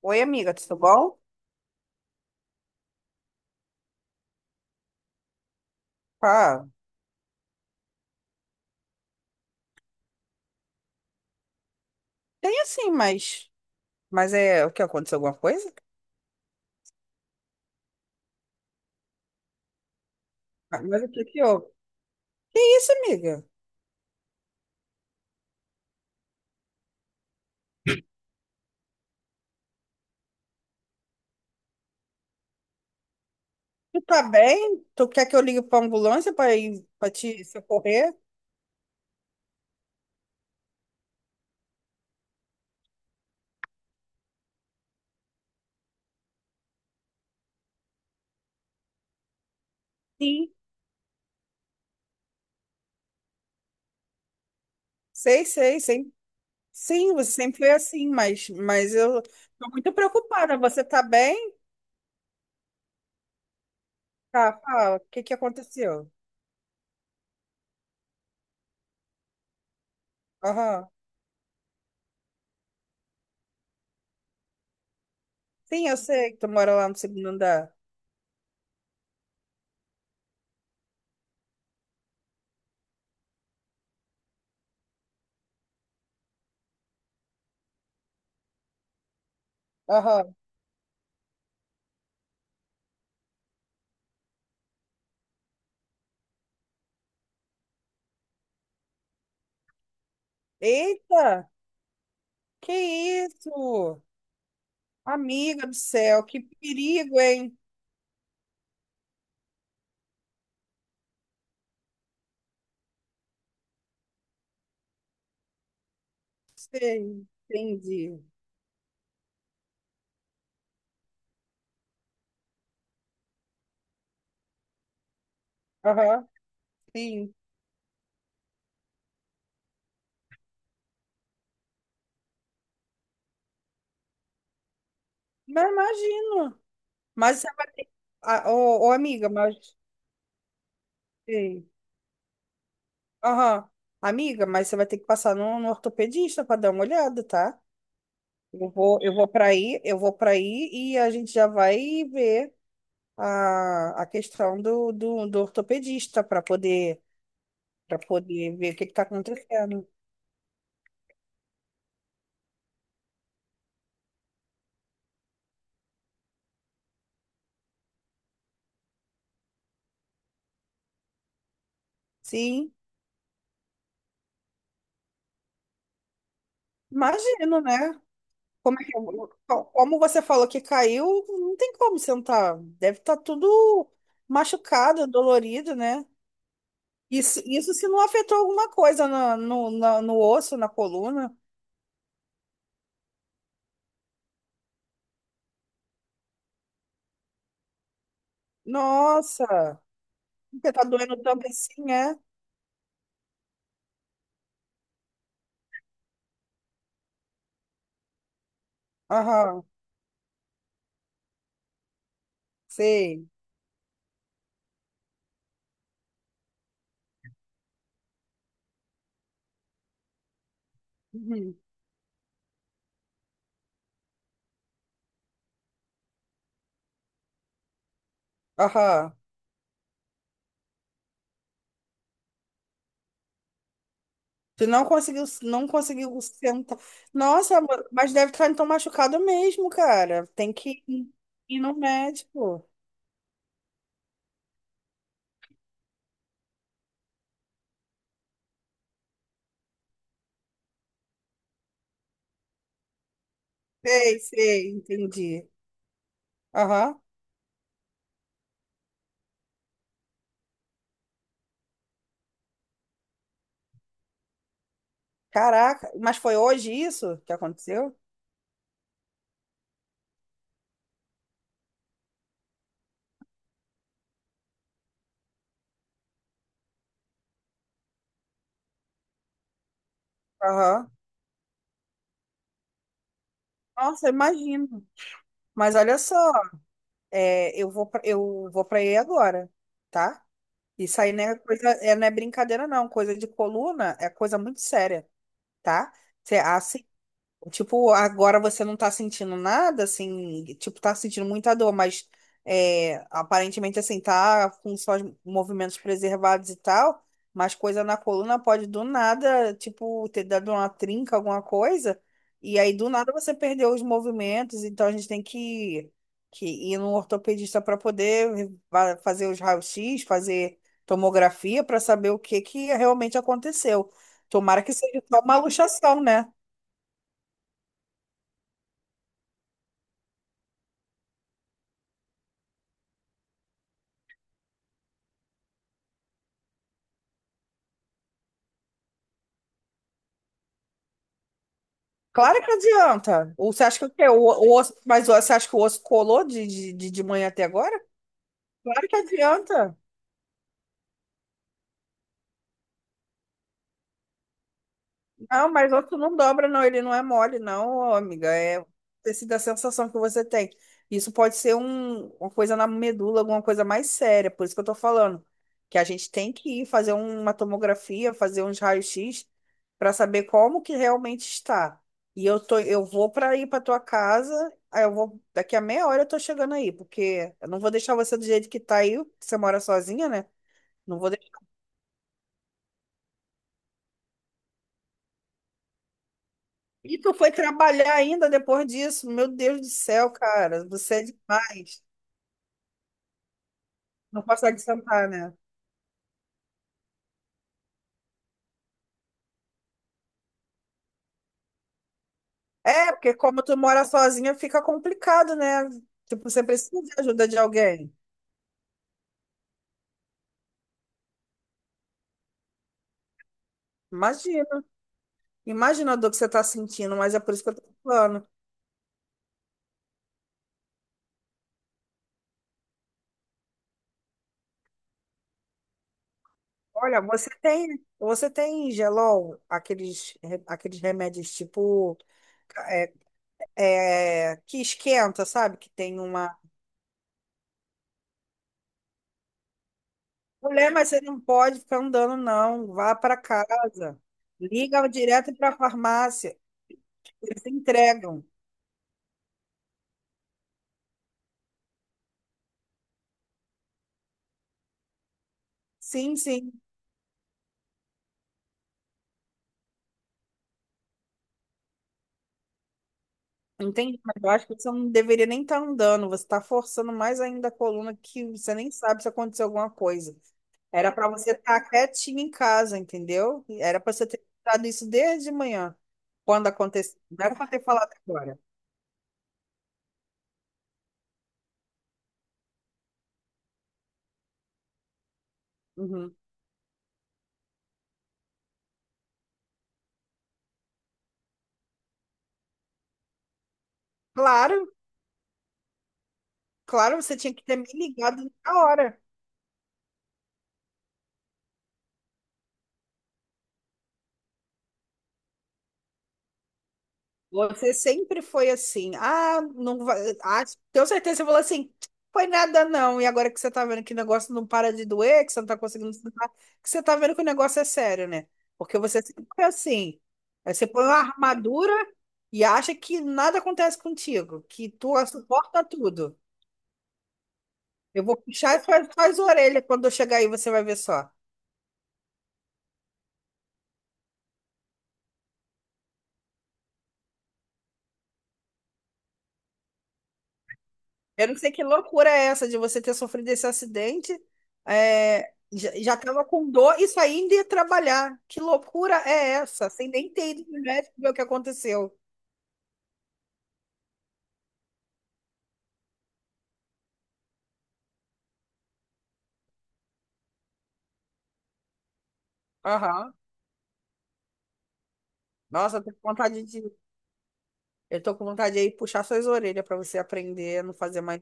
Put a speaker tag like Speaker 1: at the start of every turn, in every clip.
Speaker 1: Oi, amiga, tudo bom? Pá, tem assim, mas. Mas é. O que aconteceu? Alguma coisa? Ah, mas o que que houve? Que isso, amiga? Tu tá bem? Tu quer que eu ligue pra ambulância pra ir pra te socorrer? Sim. Sei, sei, sei. Sim, você sempre foi assim, mas eu tô muito preocupada. Você tá bem? Tá, fala. O que que aconteceu? Aham. Sim, eu sei que tu mora lá no segundo andar. Aham. Eita! Que isso? Amiga do céu, que perigo, hein? Sei, entendi. Aham, sim. Mas imagino. Mas você vai ter. Ah, ô, ô, amiga, mas. Sim. Aham. Amiga, mas você vai ter que passar no ortopedista para dar uma olhada, tá? Eu vou, eu vou para aí e a gente já vai ver a questão do ortopedista para poder ver o que está acontecendo. Sim, imagino, né? Como é que eu como você falou que caiu, não tem como sentar. Deve estar tudo machucado, dolorido, né? Isso se não afetou alguma coisa no osso, na coluna. Nossa, porque tá doendo tanto assim, é? Aham, sei. Uhum. Aham. Tu não conseguiu, não conseguiu sentar. Nossa, amor, mas deve estar então machucado mesmo, cara. Tem que ir no médico. Sei, sei, entendi. Aham. Caraca, mas foi hoje isso que aconteceu? Aham. Nossa, imagino. Mas olha só, é, eu vou para aí agora, tá? Isso aí não é coisa, é, não é brincadeira não, coisa de coluna é coisa muito séria, tá? Você, assim, tipo, agora você não tá sentindo nada, assim, tipo, tá sentindo muita dor, mas é, aparentemente, assim, tá com só os movimentos preservados e tal, mas coisa na coluna pode do nada, tipo, ter dado uma trinca, alguma coisa, e aí do nada você perdeu os movimentos, então a gente tem que ir num ortopedista para poder fazer os raios-x, fazer tomografia para saber o que que realmente aconteceu. Tomara que seja só uma luxação, né? Claro que adianta. Ou você acha que o quê? O osso, mas você acha que o osso colou de manhã até agora? Claro que adianta. Não, mas outro não dobra, não. Ele não é mole, não, ô, amiga. É tecido da sensação que você tem. Isso pode ser uma coisa na medula, alguma coisa mais séria. Por isso que eu tô falando. Que a gente tem que ir fazer uma tomografia, fazer uns raios-x para saber como que realmente está. Eu vou para ir para tua casa. Aí eu vou, daqui a meia hora eu tô chegando aí, porque eu não vou deixar você do jeito que tá aí. Você mora sozinha, né? Não vou E tu foi trabalhar ainda depois disso. Meu Deus do céu, cara. Você é demais. Não consegue sentar, né? É, porque como tu mora sozinha, fica complicado, né? Tipo, você precisa de ajuda de alguém. Imagina. Imagina a dor que você tá sentindo, mas é por isso que eu tô falando. Olha, você tem Gelol, aqueles, aqueles remédios tipo é, é, que esquenta, sabe? Que tem uma. Mulher, mas você não pode ficar andando, não. Vá para casa. Liga direto para a farmácia. Eles entregam. Sim, sim. Entendi, mas eu acho que você não deveria nem estar andando. Você está forçando mais ainda a coluna que você nem sabe se aconteceu alguma coisa. Era para você estar quietinha em casa, entendeu? Era para você ter dado isso desde de manhã, quando aconteceu. Não era para ter falado agora. Uhum. Claro, claro, você tinha que ter me ligado na hora. Você sempre foi assim, ah, não vai, ah, tenho certeza, que você falou assim, foi nada não, e agora que você tá vendo que o negócio não para de doer, que você não tá conseguindo se limpar, que você tá vendo que o negócio é sério, né? Porque você sempre foi assim, aí você põe uma armadura e acha que nada acontece contigo, que tu suporta tudo. Eu vou puxar as suas orelhas quando eu chegar aí, você vai ver só. Eu não sei que loucura é essa de você ter sofrido esse acidente, é, já tava com dor e só ainda ia trabalhar. Que loucura é essa? Sem nem ter ido no médico ver o que aconteceu. Aham. Nossa, eu tô com vontade de. Eu tô com vontade aí puxar suas orelhas pra você aprender a não fazer mais.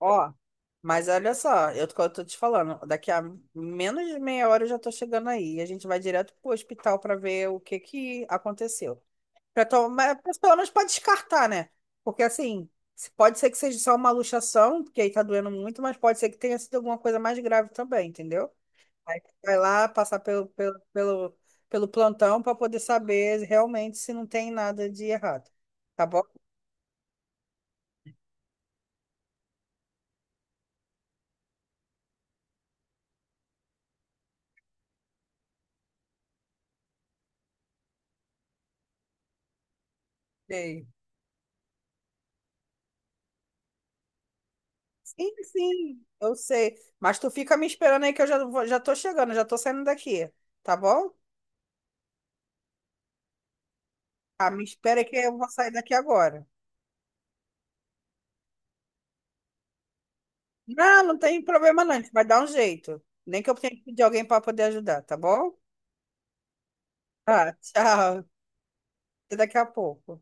Speaker 1: Ó, mas olha só, eu tô te falando, daqui a menos de meia hora eu já tô chegando aí. A gente vai direto pro hospital pra ver o que que aconteceu. Pra tomar, mas pelo menos pra descartar, né? Porque assim, pode ser que seja só uma luxação, porque aí tá doendo muito, mas pode ser que tenha sido alguma coisa mais grave também, entendeu? Aí vai lá passar pelo plantão pra poder saber realmente se não tem nada de errado. Tá bom? Sei. Sim, sim, eu sei. Mas tu fica me esperando aí que eu já, já tô chegando, já tô saindo daqui. Tá bom? Ah, me espera aí que eu vou sair daqui agora. Não, não tem problema não, a gente vai dar um jeito. Nem que eu tenha que pedir alguém para poder ajudar, tá bom? Tá, tchau. Até daqui a pouco.